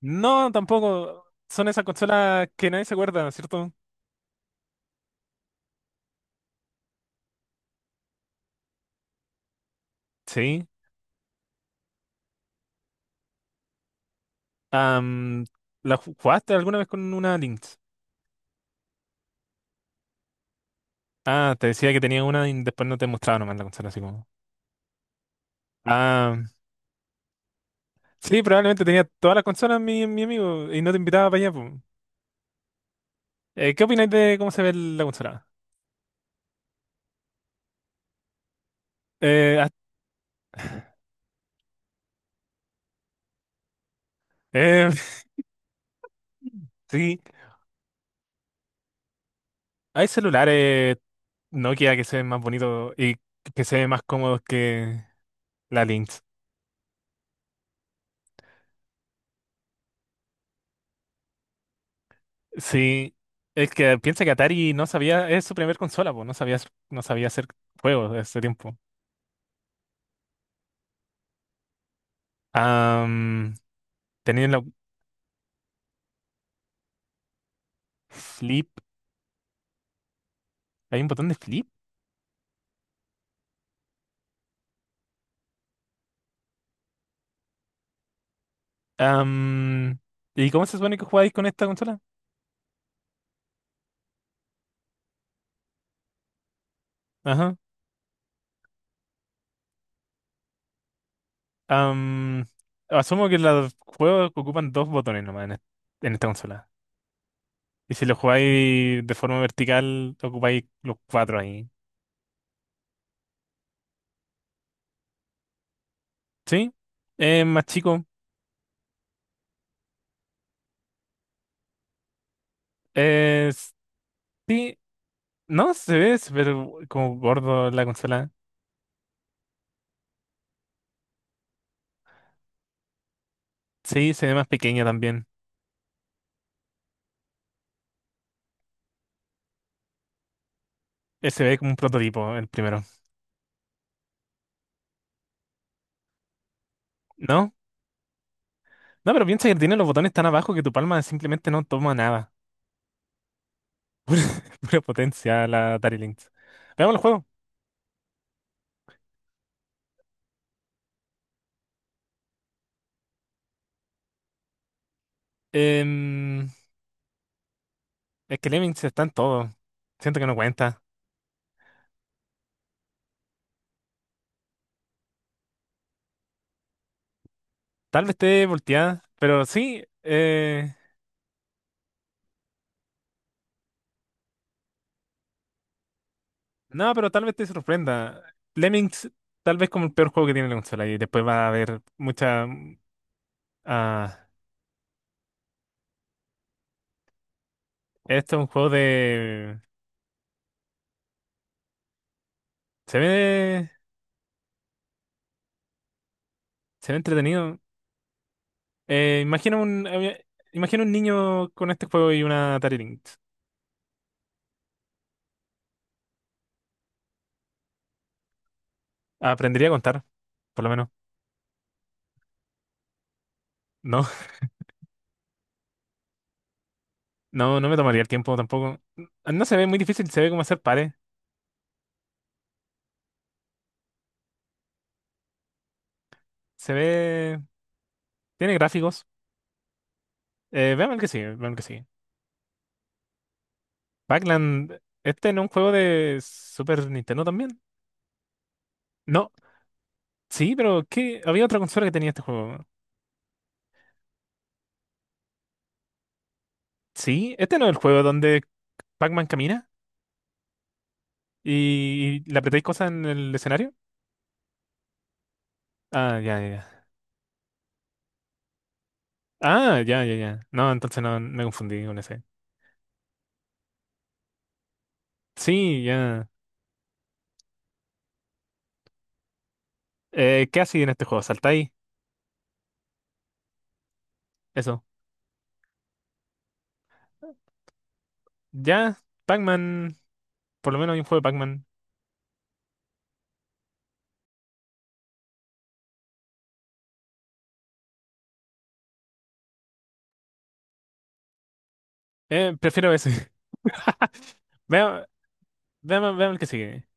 No, tampoco. Son esas consolas que nadie se acuerda, ¿cierto? Sí. Am, ¿La jugaste alguna vez con una Lynx? Ah, te decía que tenía una y después no te mostraba nomás la consola, así como. Ah, sí, probablemente tenía todas las consolas mi amigo y no te invitaba para allá. Po. ¿Qué opináis de cómo se ve la consola? Eh, ah, eh, sí, hay celulares Nokia que se ven más bonitos y que se ven más cómodos que la Lynx. Sí, es que piensa que Atari no sabía, es su primer consola, pues no sabía hacer juegos de ese tiempo. Am, tenían la flip, hay un botón de flip. Am, ¿Y cómo se supone que jugáis con esta consola? Ajá. Am, asumo que los juegos ocupan dos botones nomás en esta consola. Y si lo jugáis de forma vertical, ocupáis los cuatro ahí. ¿Sí? Es más chico. Es, sí, no se ve, pero como gordo la consola. Sí, se ve más pequeña también. Se ve como un prototipo, el primero. ¿No? No, pero piensa que tiene los botones tan abajo que tu palma simplemente no toma nada. Pura potencia la Atari Lynx. Veamos el juego. Em, es que Lemmings está en todo. Siento que no cuenta. Tal vez esté volteada, pero sí. No, pero tal vez te sorprenda. Lemmings, tal vez como el peor juego que tiene la consola. Y después va a haber mucha. ah, esto es un juego de. Se ve. Se ve entretenido. Eh, imagina un, eh, imagina un niño con este juego y una Atari Lynx. Aprendería a contar, por lo menos. No, no me tomaría el tiempo tampoco. No se ve muy difícil, se ve como hacer pares. Se ve. Tiene gráficos. Veamos el que sigue, veamos el que sigue. Pac-Land, este no es un juego de Super Nintendo también. No, sí, pero ¿qué? Había otra consola que tenía este juego. Sí, este no es el juego donde Pac-Man camina y, le apretáis cosas en el escenario. Ah, ya, ya. ya. Ah, ya, ya, ya. No, entonces no me confundí con ese. Sí, ya. ¿Qué hacéis en este juego? ¿Saltáis? Eso. Ya, Pac-Man. Por lo menos hay un juego de Pac-Man. Prefiero ese. Veamos, veamos, veamos el que sigue.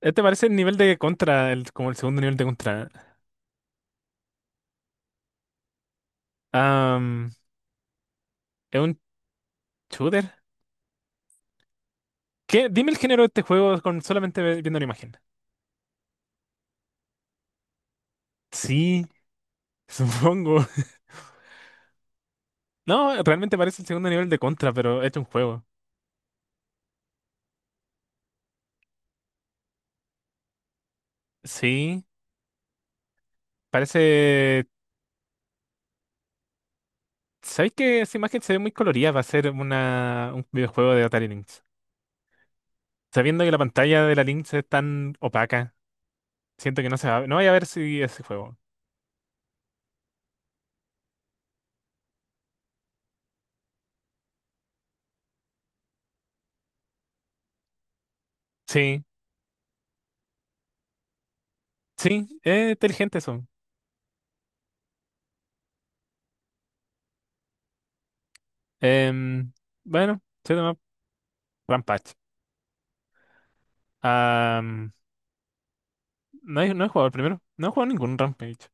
Este parece el nivel de Contra, como el segundo nivel de Contra. Am, ¿Es un shooter? ¿Qué? Dime el género de este juego con solamente viendo la imagen. Sí, supongo. No, realmente parece el segundo nivel de Contra, pero es un juego. Sí, parece. ¿Sabéis que esa imagen se ve muy colorida para ser un videojuego de Atari Lynx? Sabiendo que la pantalla de la Lynx es tan opaca, siento que no se va no voy a ver si ese juego. Sí, sí, es inteligente eso. Em, bueno, se llama Rampage. Am, no, he, no he jugado el primero, no he jugado ningún Rampage.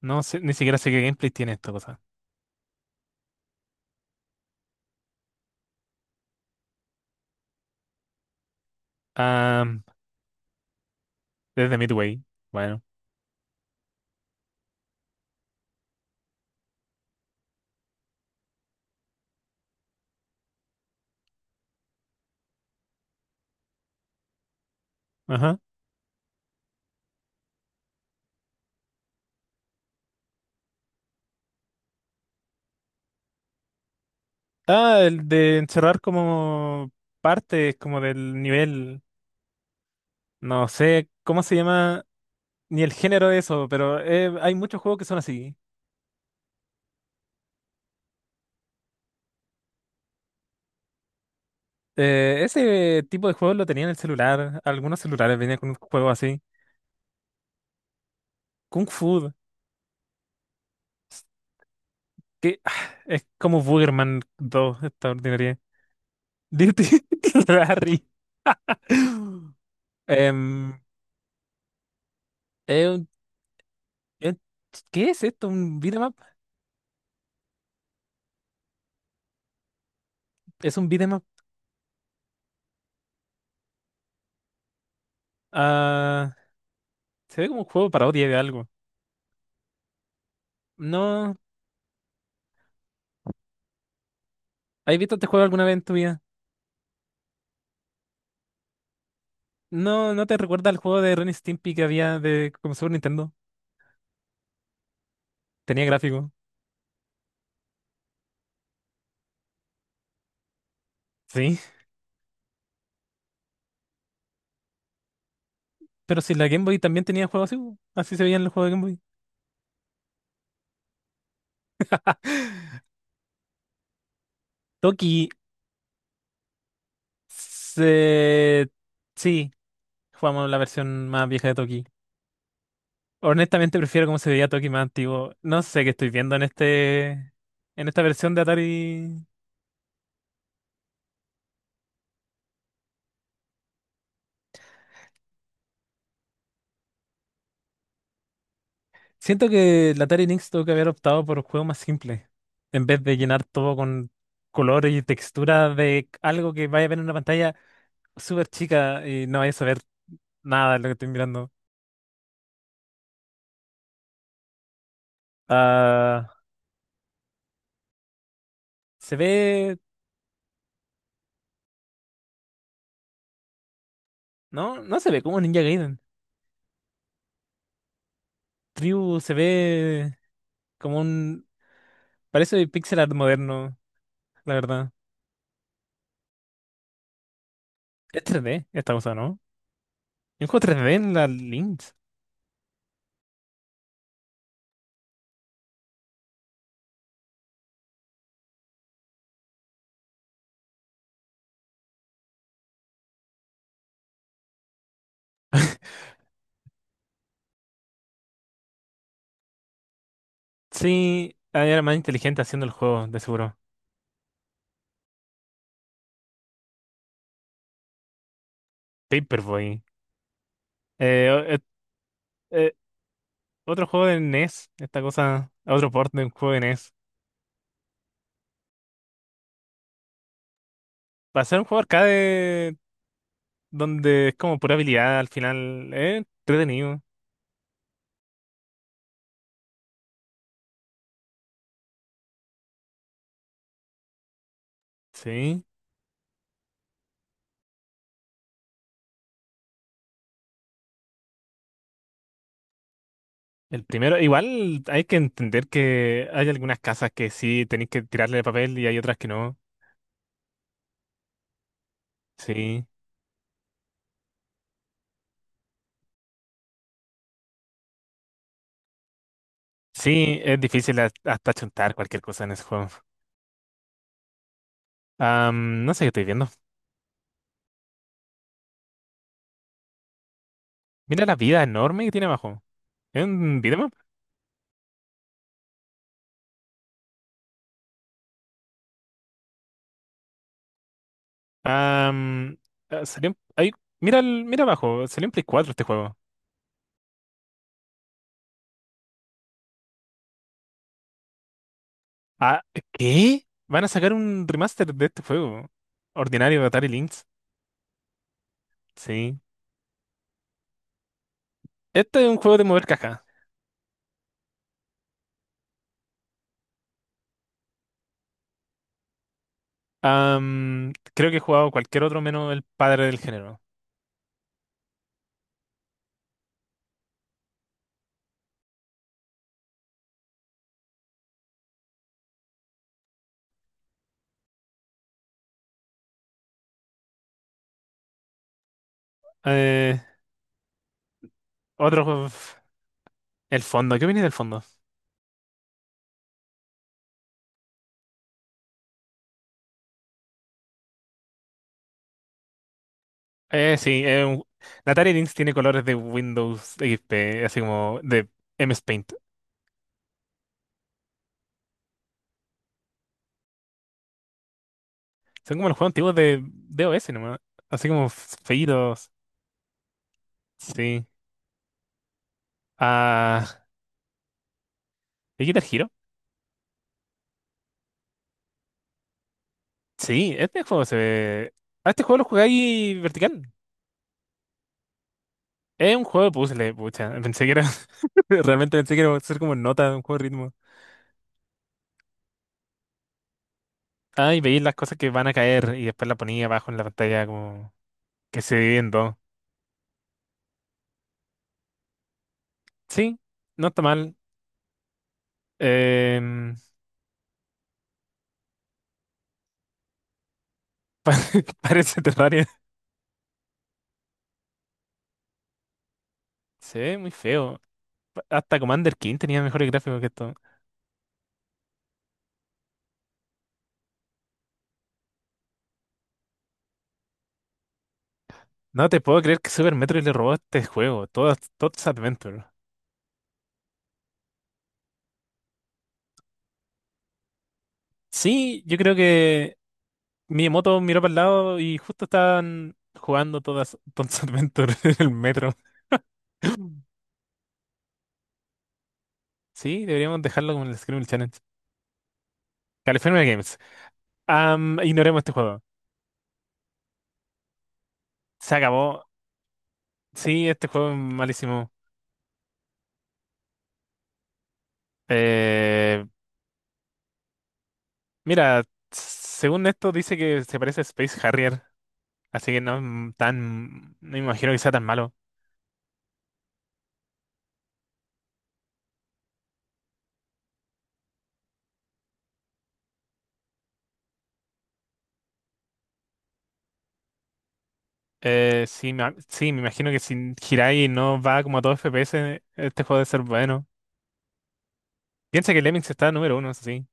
No sé, ni siquiera sé qué gameplay tiene esta cosa. Am, desde Midway, bueno. Ajá. Ah, el de encerrar como partes, como del nivel. No sé, ¿cómo se llama? Ni el género de eso, pero hay muchos juegos que son así. Ese tipo de juegos lo tenía en el celular. Algunos celulares venían con un juego así. Kung Fu, que es como Boogerman dos, esta ordinaria. Dirty Rally. Em, eh, un- eh, ¿Qué es esto? ¿Un beat'em up? Es un beat'em up. Ah, se ve como un juego parodia de algo. No, ¿has visto este juego alguna vez en tu vida? No, ¿no te recuerda al juego de Ren y Stimpy que había de como Super Nintendo? Tenía gráfico. Sí, pero si la Game Boy también tenía juegos así, así se veían los juegos de Game Boy. Toki, se... sí, jugamos la versión más vieja de Toki. Honestamente prefiero cómo se veía Toki más antiguo. No sé qué estoy viendo en esta versión de Atari. Siento que la Atari Lynx tuvo que haber optado por juegos más simples, en vez de llenar todo con color y textura de algo que vaya a ver en una pantalla súper chica y no vaya a saber nada de lo que estoy mirando. Ah, se ve No, no se ve como Ninja Gaiden. Tribu se ve como un. Parece pixel art moderno, la verdad. Es 3D esta cosa, ¿no? Y un juego 3D en la Lynx. Sí, era más inteligente haciendo el juego, de seguro. Paperboy. Eh, o- eh, eh, otro juego de NES, esta cosa, otro port de un juego de NES. Para ser un juego arcade donde es como pura habilidad al final, entretenido. Sí. El primero, igual hay que entender que hay algunas casas que sí tenéis que tirarle el papel y hay otras que no. Sí. Sí, es difícil hasta chuntar cualquier cosa en ese juego. No sé qué estoy viendo. Mira la vida enorme que tiene abajo. ¿Es un videomap? Am, Salió, mira, mira abajo, salió en Play 4 este juego. Ah, ¿qué? Van a sacar un remaster de este juego. Ordinario de Atari Lynx. Sí. Este es un juego de mover cajas. Creo que he jugado cualquier otro menos el padre del género. Eh, otro, el fondo. ¿Qué opinas del fondo? Sí, la Atari Lynx tiene colores de Windows XP, así como de MS Paint. Son como los juegos antiguos de DOS nomás. Así como feitos. Sí. Ah, ¿y Guitar Hero? Sí, este juego se ve. Ah, este juego lo jugáis vertical. Es un juego de puzzle, pucha. Pensé que era. Realmente pensé que iba a ser como nota, un juego de ritmo. Ah, y veis las cosas que van a caer y después la ponía abajo en la pantalla como que se divide dos. Sí, no está mal. Em, parece Terraria. Se ve muy feo. Hasta Commander King tenía mejores gráficos que esto. No te puedo creer que Super Metroid le robó este juego, todas Tod's Adventure. Sí, yo creo que Miyamoto miró para el lado y justo estaban jugando todas Tod's Adventure en el metro. Sí, deberíamos dejarlo como el Scream Challenge. California Games. Ignoremos este juego. Se acabó. Sí, este juego es malísimo. Eh, mira, según esto dice que se parece a Space Harrier, así que no es tan, no me imagino que sea tan malo. Sí, sí, me imagino que si Hirai no va como a todo FPS, este juego debe ser bueno. Piensa que Lemmings está número uno, eso sí.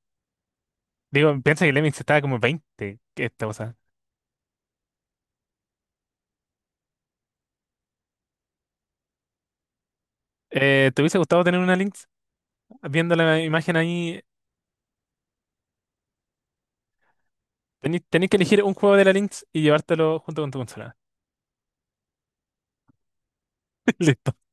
Digo, piensa que Lemmings está como 20, que esta cosa. ¿Te hubiese gustado tener una Lynx? Viendo la imagen ahí, tenéis que elegir un juego de la Lynx y llevártelo junto con tu consola.